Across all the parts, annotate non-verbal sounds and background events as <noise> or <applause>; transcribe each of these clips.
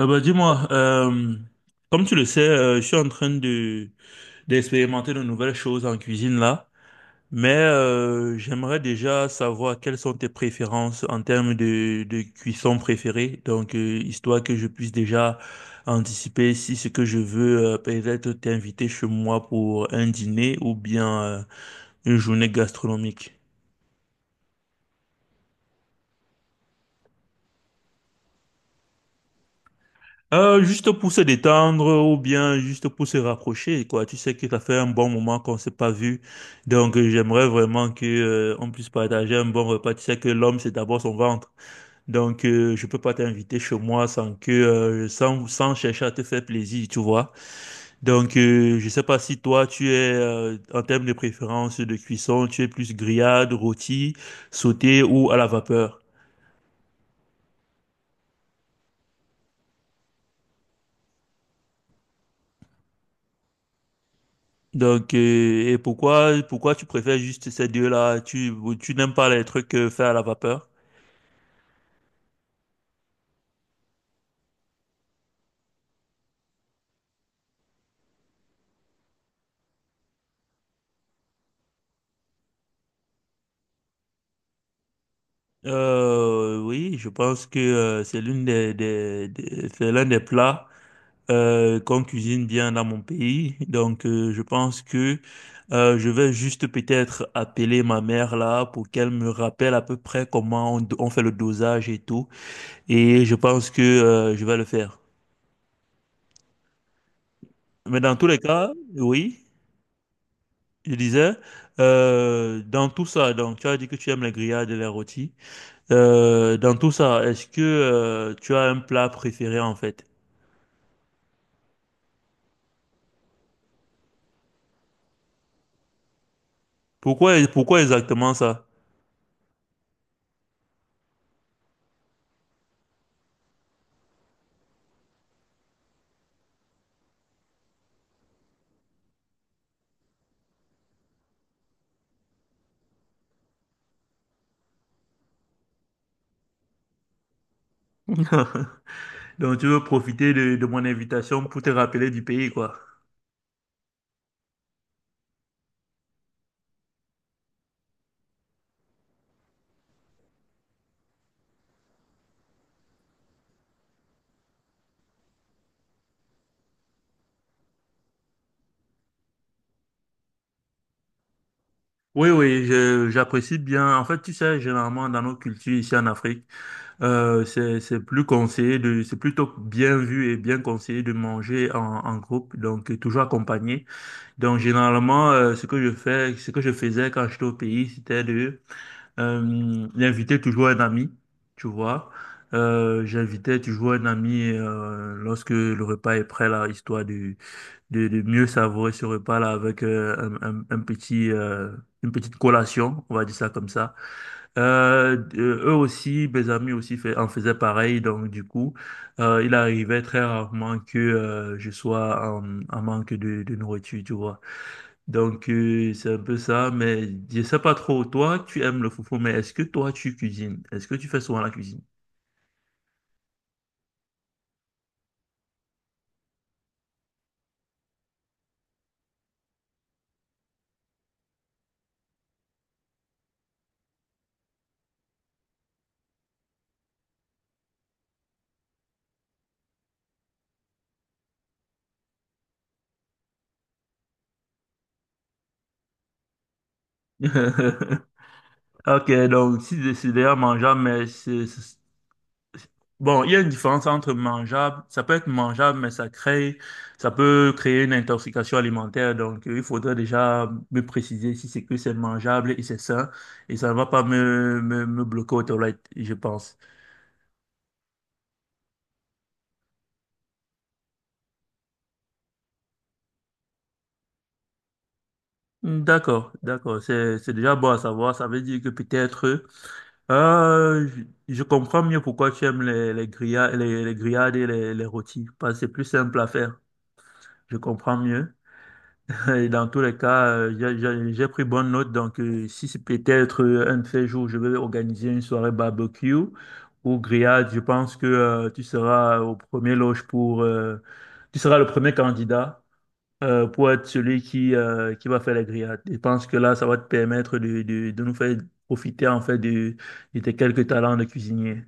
Dis-moi, comme tu le sais, je suis en train de d'expérimenter de nouvelles choses en cuisine là, mais j'aimerais déjà savoir quelles sont tes préférences en termes de cuisson préférée, donc histoire que je puisse déjà anticiper si ce que je veux peut-être t'inviter chez moi pour un dîner ou bien une journée gastronomique. Juste pour se détendre ou bien juste pour se rapprocher, quoi. Tu sais que ça fait un bon moment qu'on s'est pas vu. J'aimerais vraiment que, on puisse partager un bon repas. Tu sais que l'homme, c'est d'abord son ventre. Je peux pas t'inviter chez moi sans que, sans chercher à te faire plaisir, tu vois. Je sais pas si toi, tu es, en termes de préférence de cuisson, tu es plus grillade, rôti, sauté ou à la vapeur. Et pourquoi tu préfères juste ces deux-là? Tu n'aimes pas les trucs faits à la vapeur? Oui, je pense que c'est l'une des- c'est l'un des plats qu'on cuisine bien dans mon pays. Je pense que je vais juste peut-être appeler ma mère là pour qu'elle me rappelle à peu près comment on fait le dosage et tout. Et je pense que je vais le faire. Mais dans tous les cas, oui. Je disais, dans tout ça, donc tu as dit que tu aimes les grillades et les rôtis. Dans tout ça, est-ce que tu as un plat préféré en fait? Pourquoi, pourquoi exactement ça? <laughs> Donc tu veux profiter de mon invitation pour te rappeler du pays, quoi. Oui, oui, j'apprécie bien. En fait, tu sais, généralement dans nos cultures ici en Afrique, c'est plus conseillé de, c'est plutôt bien vu et bien conseillé de manger en groupe, donc toujours accompagné. Donc généralement, ce que je fais, ce que je faisais quand j'étais au pays, c'était de d'inviter toujours un ami, tu vois. J'invitais toujours un ami lorsque le repas est prêt là, histoire de mieux savourer ce repas là avec un petit une petite collation, on va dire ça comme ça. Eux aussi, mes amis aussi en faisaient pareil, donc du coup, il arrivait très rarement que je sois en manque de nourriture, tu vois. C'est un peu ça, mais je sais pas trop. Toi, tu aimes le foufou, mais est-ce que toi, tu cuisines? Est-ce que tu fais souvent la cuisine? <laughs> Ok, donc si c'est d'ailleurs mangeable, mais bon, il y a une différence entre mangeable, ça peut être mangeable, mais ça peut créer une intoxication alimentaire. Il faudrait déjà me préciser si c'est que c'est mangeable et c'est sain, et ça ne va pas me bloquer aux toilettes, je pense. Hmm, d'accord, d'accord. C'est déjà bon à savoir. Ça veut dire que peut-être, euh, je comprends mieux pourquoi tu aimes les grillades, les grillades et les rôtis. Parce que c'est plus simple à faire. Je comprends mieux. <laughs> Et dans tous les cas, j'ai pris bonne note. Si c'est peut-être un de ces jours, je vais organiser une soirée barbecue ou grillade, je pense que tu seras au premier loge pour, tu seras le premier candidat pour être celui qui va faire la grillade. Je pense que là, ça va te permettre de nous faire profiter en fait de tes quelques talents de cuisinier.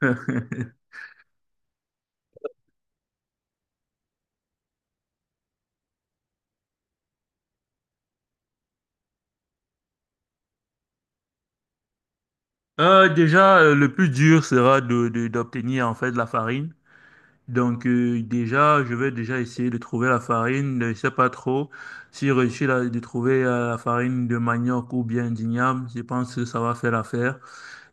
<laughs> Déjà, le plus dur sera d'obtenir en fait la farine. Déjà, je vais déjà essayer de trouver la farine. Je sais pas trop si je réussis de trouver la farine de manioc ou bien d'igname. Je pense que ça va faire l'affaire.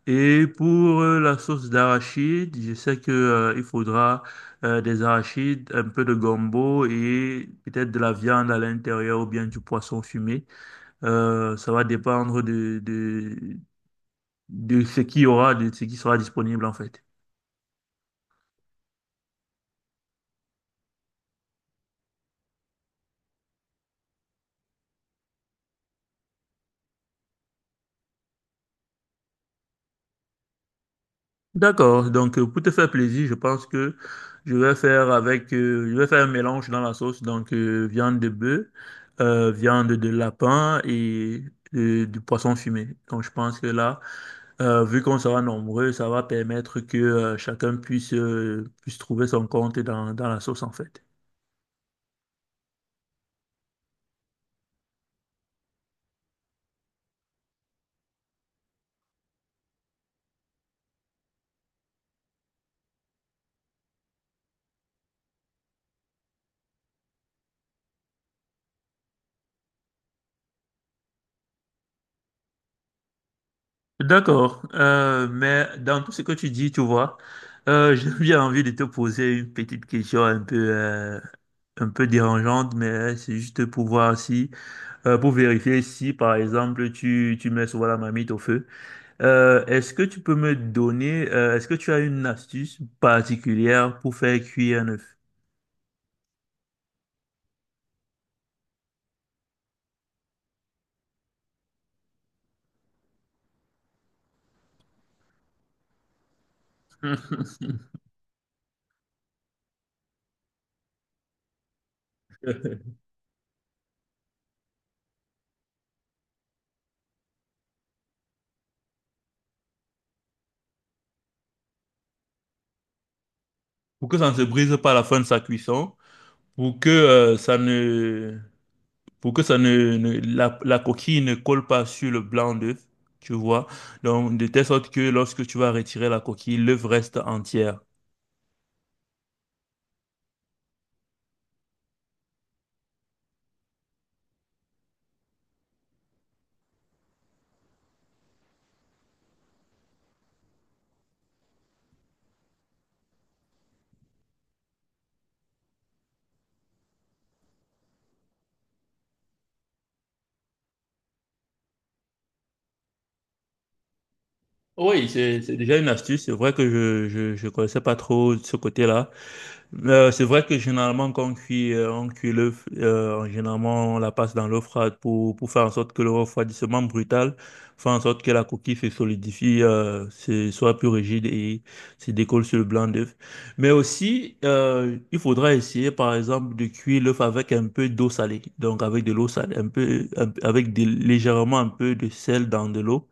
Et pour la sauce d'arachide, je sais que il faudra des arachides, un peu de gombo et peut-être de la viande à l'intérieur ou bien du poisson fumé. Ça va dépendre de ce qu'il y aura, de ce qui sera disponible en fait. D'accord, donc pour te faire plaisir, je pense que je vais faire je vais faire un mélange dans la sauce, donc viande de bœuf, viande de lapin et du poisson fumé. Donc je pense que là, vu qu'on sera nombreux, ça va permettre que chacun puisse trouver son compte dans la sauce, en fait. D'accord. Mais dans tout ce que tu dis, tu vois, <laughs> j'ai bien envie de te poser une petite question un peu dérangeante, mais c'est juste pour voir si, pour vérifier si, par exemple, tu mets souvent la marmite au feu. Est-ce que tu peux me donner, est-ce que tu as une astuce particulière pour faire cuire un œuf? <laughs> Pour que ça ne se brise pas à la fin de sa cuisson, pour que ça ne, pour que ça ne, ne- la coquille ne colle pas sur le blanc d'œuf, tu vois. Donc, de telle sorte que lorsque tu vas retirer la coquille, l'œuf reste entière. Oui, c'est déjà une astuce. C'est vrai que je connaissais pas trop ce côté-là. C'est vrai que généralement, quand on cuit l'œuf, généralement, on la passe dans l'eau froide pour faire en sorte que le refroidissement brutal fait en sorte que la coquille se solidifie, soit plus rigide et se décolle sur le blanc d'œuf. Mais aussi, il faudra essayer, par exemple, de cuire l'œuf avec un peu d'eau salée. Donc, avec de l'eau salée, un peu, un avec légèrement un peu de sel dans de l'eau.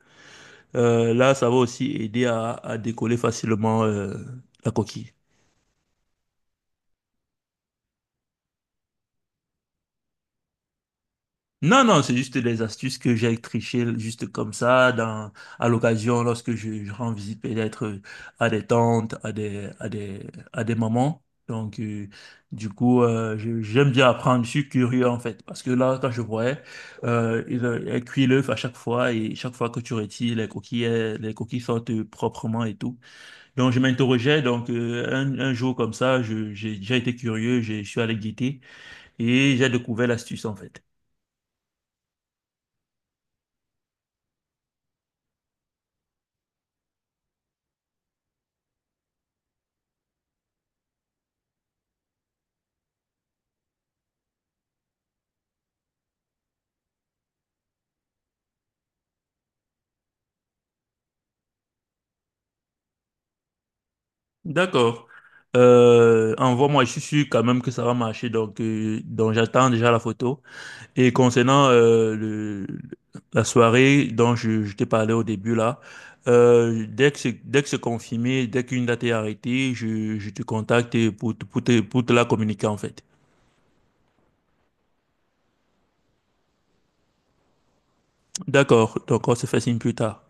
Là, ça va aussi aider à décoller facilement, la coquille. Non, non, c'est juste des astuces que j'ai trichées juste comme ça, dans, à l'occasion, lorsque je rends visite peut-être à des tantes, à des mamans. Donc, euh, du coup, j'aime bien apprendre, je suis curieux en fait, parce que là, quand je voyais, elle cuit l'œuf à chaque fois, et chaque fois que tu retires les coquilles sortent proprement et tout. Donc, je m'interrogeais, donc, un jour comme ça, j'ai déjà été curieux, je suis allé guetter, et j'ai découvert l'astuce en fait. D'accord. Envoie-moi, je suis sûr quand même que ça va marcher, donc j'attends déjà la photo. Et concernant la soirée dont je t'ai parlé au début là, dès que c'est confirmé, dès qu'une date est arrêtée, je te contacte pour te la communiquer en fait. D'accord, donc on se fait signe plus tard.